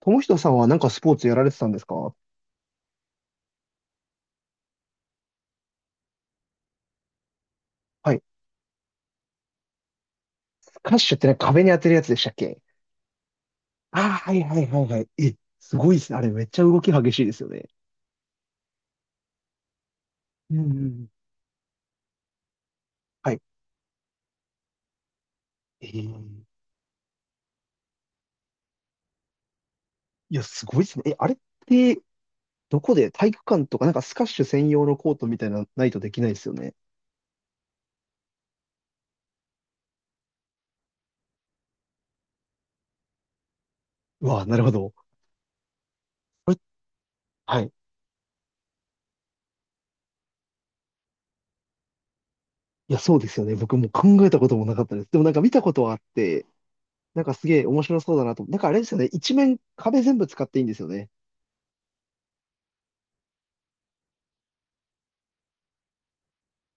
友人さんはなんかスポーツやられてたんですか？はい。スカッシュってね、壁に当てるやつでしたっけ？ああ、はいはいはいはい。え、すごいですね。あれめっちゃ動き激しいですよね。うんうん。はい。えー、いや、すごいですね。え、あれって、どこで体育館とか、なんかスカッシュ専用のコートみたいなのないとできないですよね。うわあ、なるほど。これはい。いや、そうですよね。僕も考えたこともなかったです。でもなんか見たことはあって、なんかすげえ面白そうだなと。なんかあれですよね。一面壁全部使っていいんですよね。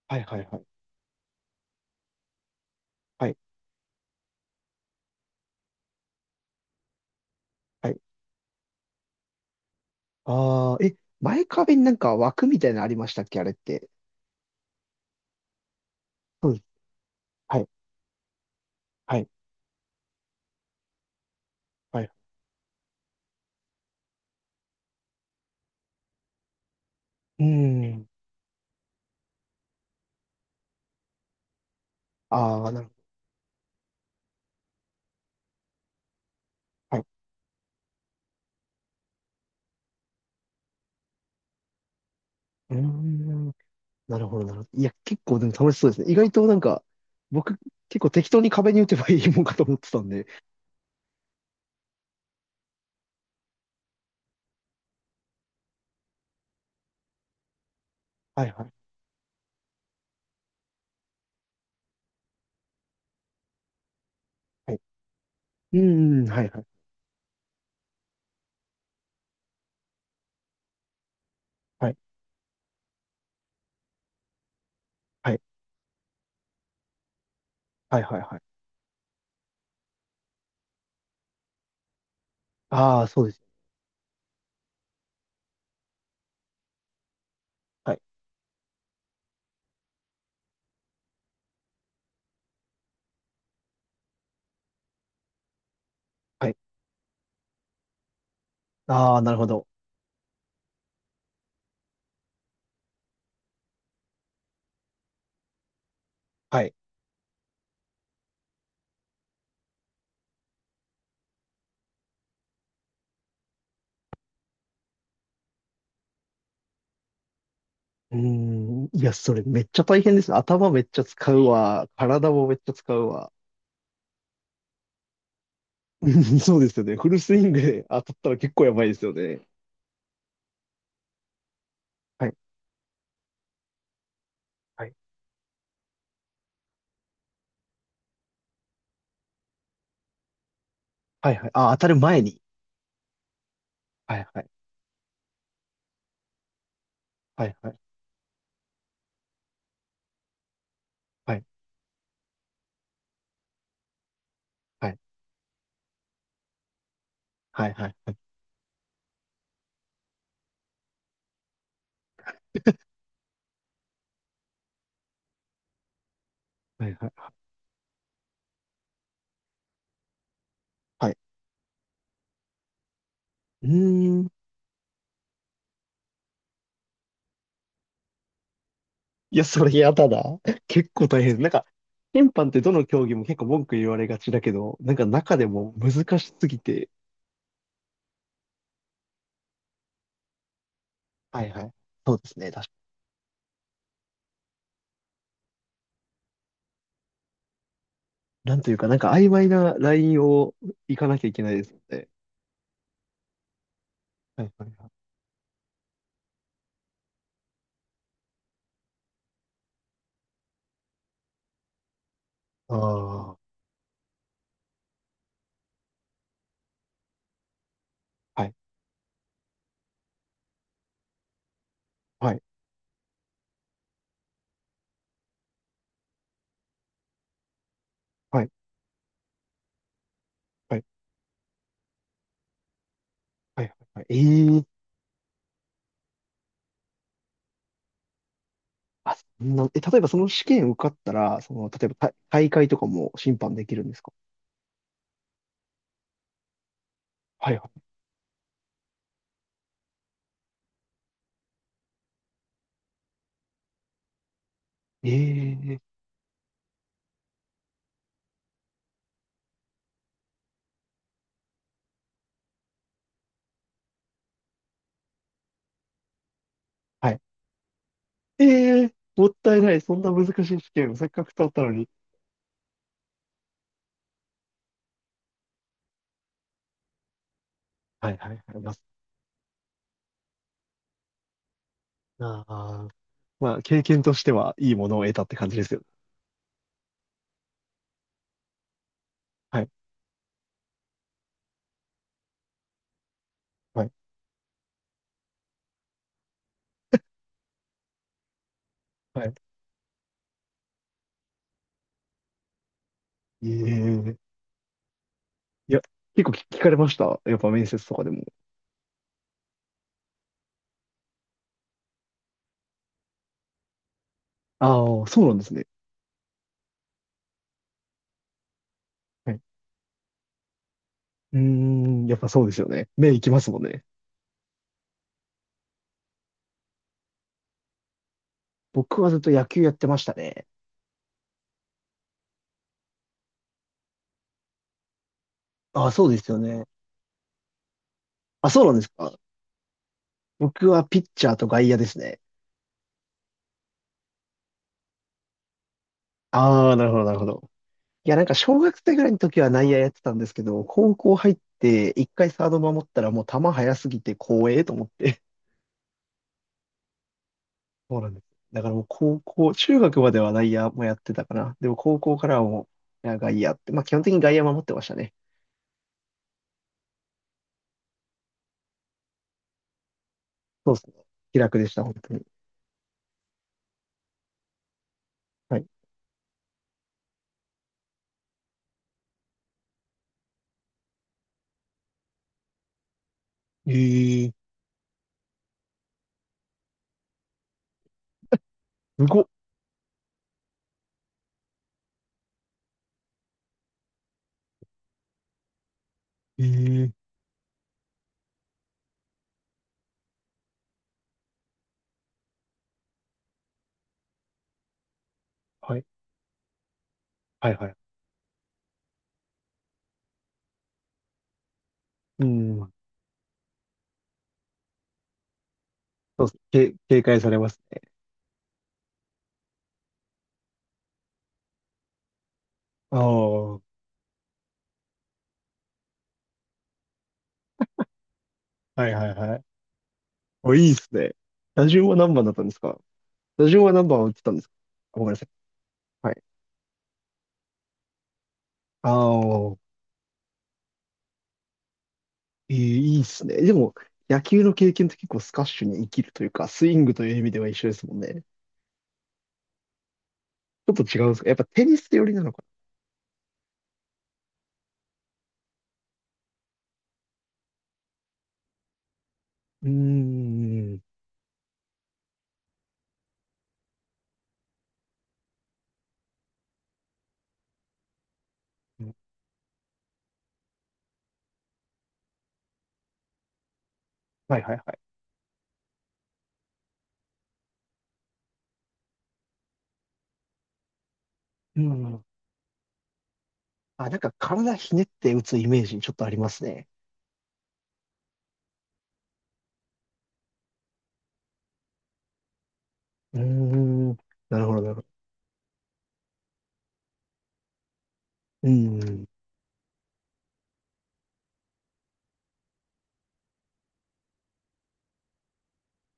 はいはいはい。はい。はい。ああ、え、前壁になんか枠みたいなのありましたっけあれって？そうです。はい。はい。はい。うーん。ああ、なるほど。はい。うーん。なるほど、なるほど。いや、結構でも楽しそうですね。意外となんか、僕、結構適当に壁に打てばいいもんかと思ってたんで。はいはい。はい。うーん。はいはい。はい。はい。はいはいはい。ああ、そうですね。はい。はい。ああ、なるほど。はい。うーん。いや、それめっちゃ大変ですね。頭めっちゃ使うわ。体もめっちゃ使うわ。そうですよね。フルスイングで当たったら結構やばいですよね。はい、はい、はい、はい。あ、当たる前に。はい、はい、はい、はい、はい、はい、はい、はい、はい、はい、はい。うーん。いや、それやだな。結構大変。なんか、審判ってどの競技も結構文句言われがちだけど、なんか中でも難しすぎて、はい、はい。そうですね。確かになんというか、なんか曖昧なラインを行かなきゃいけないですよね。はい、はい、はい。ああ。はい、はい、はい、はい、はい、はい。ええ、あ、そんな、え、例えばその試験受かったら、その、例えば大大会とかも審判できるんですか？はいはい。ええ。はい。ええ、もったいない。そんな難しい試験をせっかく取ったのに。はいはいはい。まあ、あー、まあ、経験としてはいいものを得たって感じですよ。はい。はい。はい。ええ、いや、結構聞聞かれました。やっぱ面接とかでも。ああ、そうなんですね。はい。うーん、やっぱそうですよね。目いきますもんね。僕はずっと野球やってましたね。ああ、そうですよね。あ、そうなんですか。僕はピッチャーと外野ですね。ああ、なるほど、なるほど。いや、なんか小学生ぐらいの時は内野やってたんですけど、高校入って一回サード守ったらもう球速すぎて光栄と思って。そうなんです。だからもう高校、中学までは内野もやってたかな。でも高校からはもう、いや外野って、まあ基本的に外野守ってましたね。そうですね。気楽でした、本当に。はい。ええー、すごっ。ええー、はい、はい、はい。うん。そうですね。け警戒されますね。ああ、はい、はい、はい。お、いいですね。打順は何番だったんですか？打順は何番を打ってたんですか？あ、ごめんなさい。はい。ああ、いいいいですね。でも、野球の経験って結構スカッシュに生きるというか、スイングという意味では一緒ですもんね。ちょっと違うんですかやっぱテニス寄りなのかな。うーん。はいはいはい。うん。あ、なんか体ひねって打つイメージにちょっとありますね。うーん。なるほどなるほど。うん。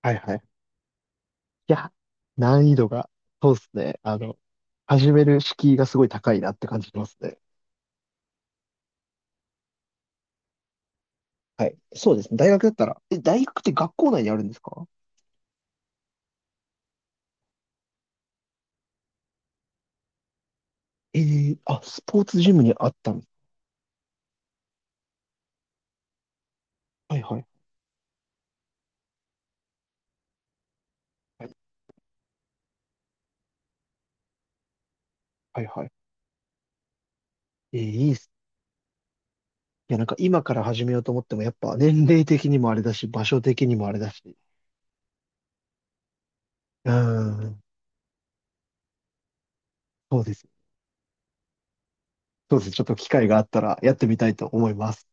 はいはい。いや、難易度が、そうですね。あの、始める敷居がすごい高いなって感じしますね。はい。そうですね。大学だったら。え、大学って学校内にあるんですか？えー、あ、スポーツジムにあったん？はいはい。はいはいはい。えー、いいっす。いや、なんか今から始めようと思っても、やっぱ年齢的にもあれだし、場所的にもあれだし。うーん。そうです。そうです。ちょっと機会があったらやってみたいと思います。